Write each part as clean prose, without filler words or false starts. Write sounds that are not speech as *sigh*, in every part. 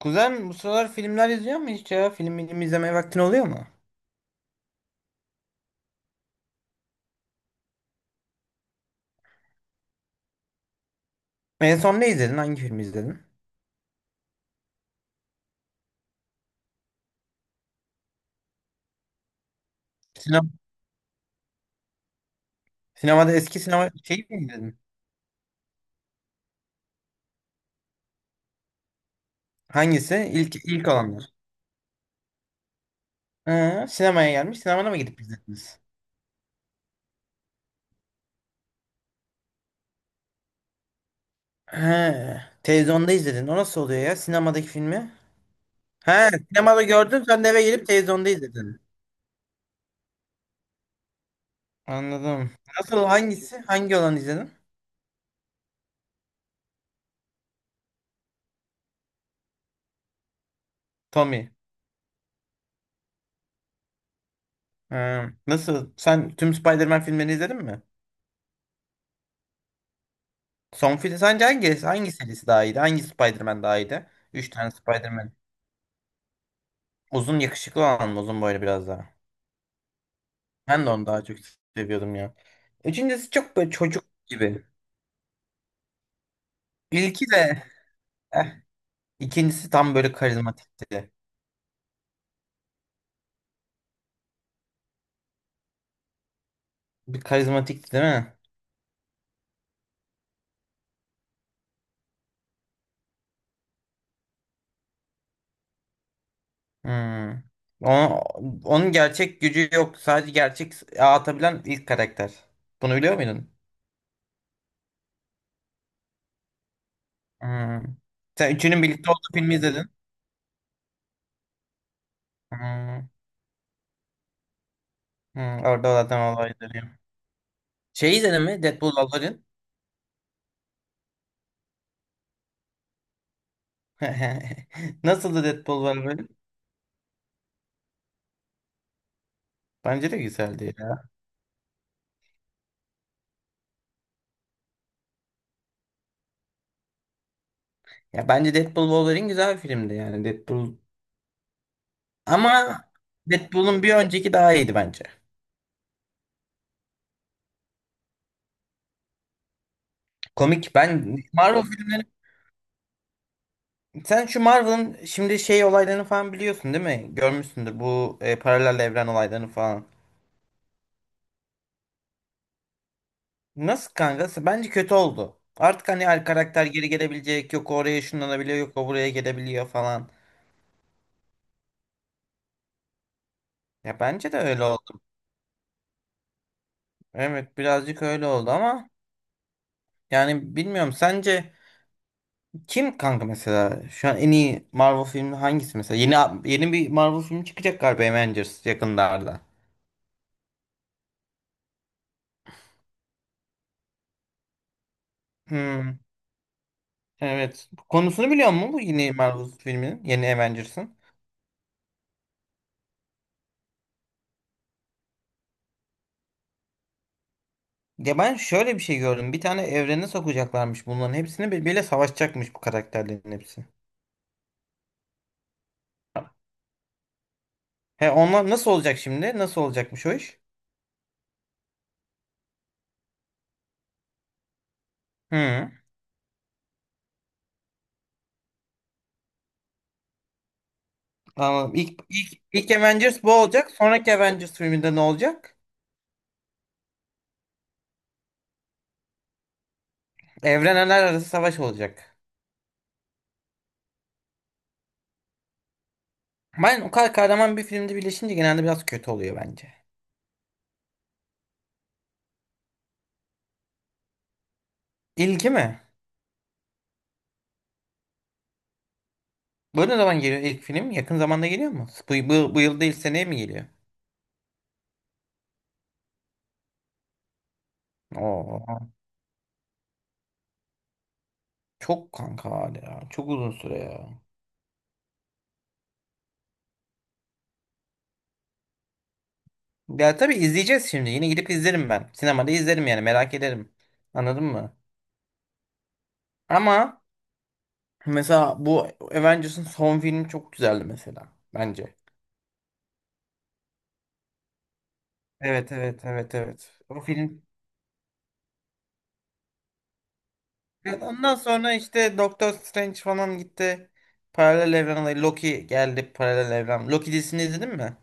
Kuzen bu sıralar filmler izliyor mu hiç ya? Film izlemeye vaktin oluyor mu? En son ne izledin? Hangi filmi izledin? Sinema, sinemada eski sinema şeyi mi izledin? Hangisi? İlk olanlar. Ha, sinemaya gelmiş. Sinemada mı gidip izlediniz? Ha, televizyonda izledin. O nasıl oluyor ya? Sinemadaki filmi? Ha, sinemada gördün. Sen de eve gelip televizyonda izledin. Anladım. Nasıl? Hangisi? Hangi olanı izledin? Tommy. Ha, nasıl? Sen tüm Spider-Man filmlerini izledin mi? Son film sence hangi serisi daha iyiydi? Hangi Spider-Man daha iyiydi? Üç tane Spider-Man. Uzun yakışıklı olan mı? Uzun boylu biraz daha. Ben de onu daha çok seviyordum ya. Üçüncüsü çok böyle çocuk gibi. İlki de eh, ikincisi tam böyle karizmatikti. Bir karizmatikti değil mi? Hmm. Ona- onun gerçek gücü yok. Sadece gerçek atabilen ilk karakter. Bunu biliyor muydun? Hmm. Sen üçünün birlikte olduğu filmi izledin. Hmm. Hmm. Orada zaten olayları. Şey izledin mi? Deadpool Wolverine. *laughs* Nasıldı Deadpool Wolverine? Bence de güzeldi ya. Ya bence Deadpool Wolverine güzel bir filmdi yani Deadpool. Ama Deadpool'un bir önceki daha iyiydi bence. Komik. Ben Marvel filmleri sen şu Marvel'ın şimdi şey olaylarını falan biliyorsun değil mi? Görmüşsündür bu paralel evren olaylarını falan. Nasıl kanka? Bence kötü oldu. Artık hani her karakter geri gelebilecek. Yok o oraya şunlanabiliyor, yok o buraya gelebiliyor falan. Ya bence de öyle oldu. Evet birazcık öyle oldu ama yani bilmiyorum sence kim kanka mesela şu an en iyi Marvel filmi hangisi mesela? Yeni bir Marvel filmi çıkacak galiba Avengers yakınlarda. Hmm, evet. Konusunu biliyor musun bu yeni Marvel filminin? Yeni Avengers'ın. Ya ben şöyle bir şey gördüm. Bir tane evrene sokacaklarmış bunların hepsini birbiriyle savaşacakmış bu karakterlerin hepsi. He onlar nasıl olacak şimdi? Nasıl olacakmış o iş? Hı. Anladım. İlk Avengers bu olacak. Sonraki Avengers filminde ne olacak? Evrenler arası savaş olacak. Ben o kadar kahraman bir filmde birleşince genelde biraz kötü oluyor bence. İlki mi? Bu ne zaman geliyor ilk film? Yakın zamanda geliyor mu? Bu yıl değil seneye mi geliyor? Oo, çok kanka hala. Çok uzun süre ya. Ya tabii izleyeceğiz şimdi. Yine gidip izlerim ben. Sinemada izlerim yani merak ederim. Anladın mı? Ama mesela bu Avengers'ın son filmi çok güzeldi mesela. Bence. Evet evet evet evet. O film evet, ondan sonra işte Doctor Strange falan gitti. Paralel evren olayı. Loki geldi paralel evren. Loki dizisini izledin mi?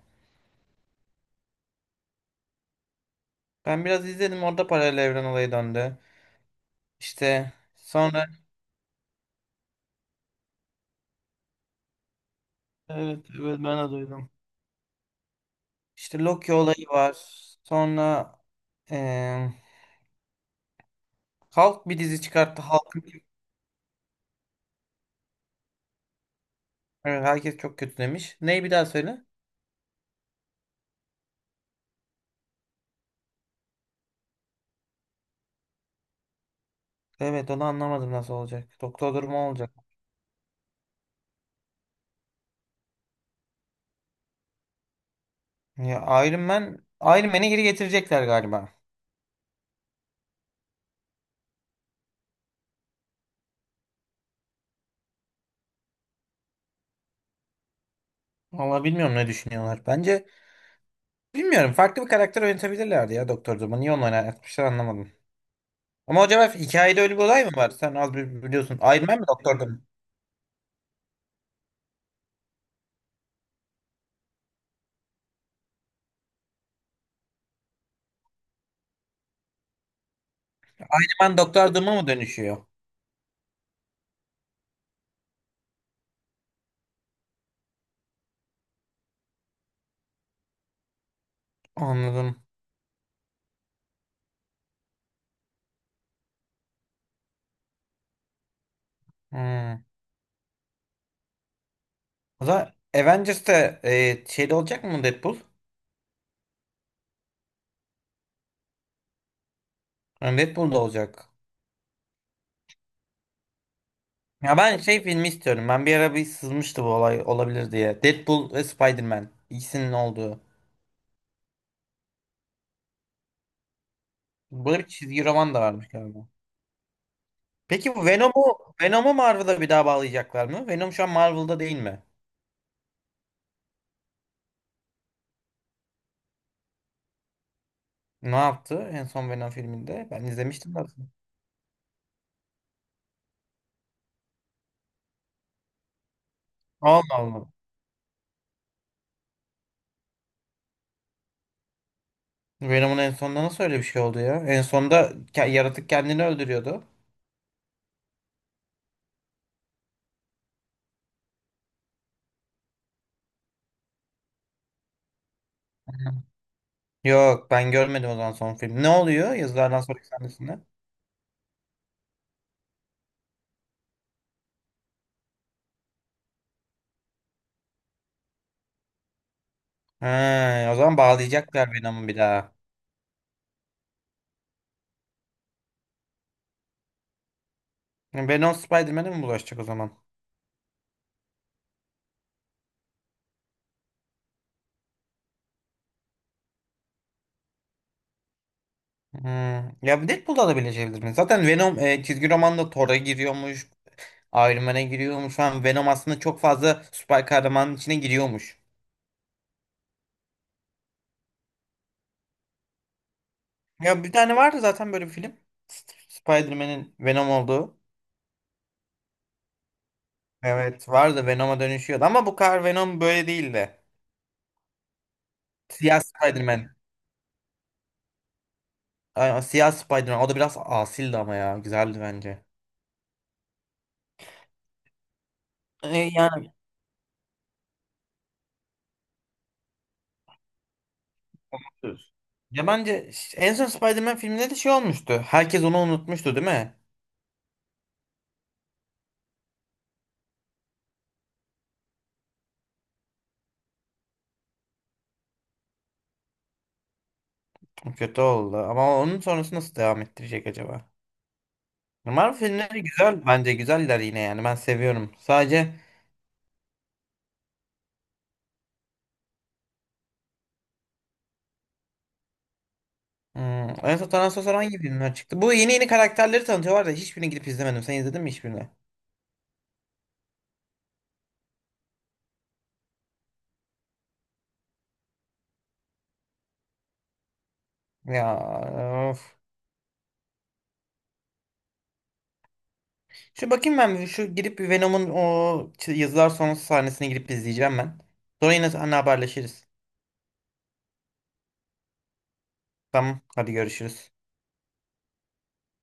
Ben biraz izledim orada paralel evren olayı döndü. İşte sonra evet evet ben de duydum. İşte Loki olayı var. Sonra eee Hulk bir dizi çıkarttı. Hulk evet, herkes çok kötü demiş. Neyi bir daha söyle? Evet onu anlamadım nasıl olacak. Doktor durumu olacak. Ya Iron Man'i geri getirecekler galiba. Vallahi bilmiyorum ne düşünüyorlar. Bence bilmiyorum. Farklı bir karakter oynatabilirlerdi ya Doktor Doom'u. Niye onu oynatmışlar anlamadım. Ama acaba hikayede öyle bir olay mı var? Sen az biliyorsun. Iron Man mi Doktor Doom? Iron Man Doktor Doom'a mı dönüşüyor? Anladım. Hmm. O zaman Avengers'te şeyde olacak mı Deadpool? Yani Deadpool'da olacak. Ya ben şey filmi istiyorum. Ben bir ara bir sızmıştı bu olay olabilir diye. Deadpool ve Spider-Man. İkisinin olduğu. Böyle bir çizgi roman da varmış galiba. Peki bu Venom'u Marvel'a bir daha bağlayacaklar mı? Venom şu an Marvel'da değil mi? Ne yaptı en son Venom filminde? Ben izlemiştim aslında. Allah Allah. Venom'un en sonunda nasıl öyle bir şey oldu ya? En sonunda yaratık kendini öldürüyordu. Hı. Yok ben görmedim o zaman son film. Ne oluyor yazılardan sonraki sahnesinde? Ha, o zaman bağlayacaklar Venom'u bir daha. Venom Spider-Man'e mi bulaşacak o zaman? Hmm. Ya Deadpool'da da bileşebilir mi? Zaten Venom çizgi romanda Thor'a giriyormuş. Iron Man'e giriyormuş. Şu an Venom aslında çok fazla süper kahramanın içine giriyormuş. Ya bir tane vardı zaten böyle bir film. Spider-Man'in Venom olduğu. Evet vardı Venom'a dönüşüyordu ama bu kadar Venom böyle değildi. Siyah Spider-Man. Ay, Siyah Spider-Man. O da biraz asildi ama ya. Güzeldi bence. Yani ya bence en son Spider-Man filminde de şey olmuştu. Herkes onu unutmuştu değil mi? Kötü oldu. Ama onun sonrası nasıl devam ettirecek acaba? Marvel filmleri güzel bence. Güzeller yine yani. Ben seviyorum. Sadece hmm. En son Tanah Sosor hangi filmler çıktı? Bu yeni karakterleri tanıtıyorlar da hiçbirini gidip izlemedim. Sen izledin mi hiçbirini? Ya of. Şu bakayım ben bir, şu girip bir Venom'un o yazılar sonrası sahnesini girip izleyeceğim ben. Sonra yine seninle haberleşiriz. Tamam hadi görüşürüz.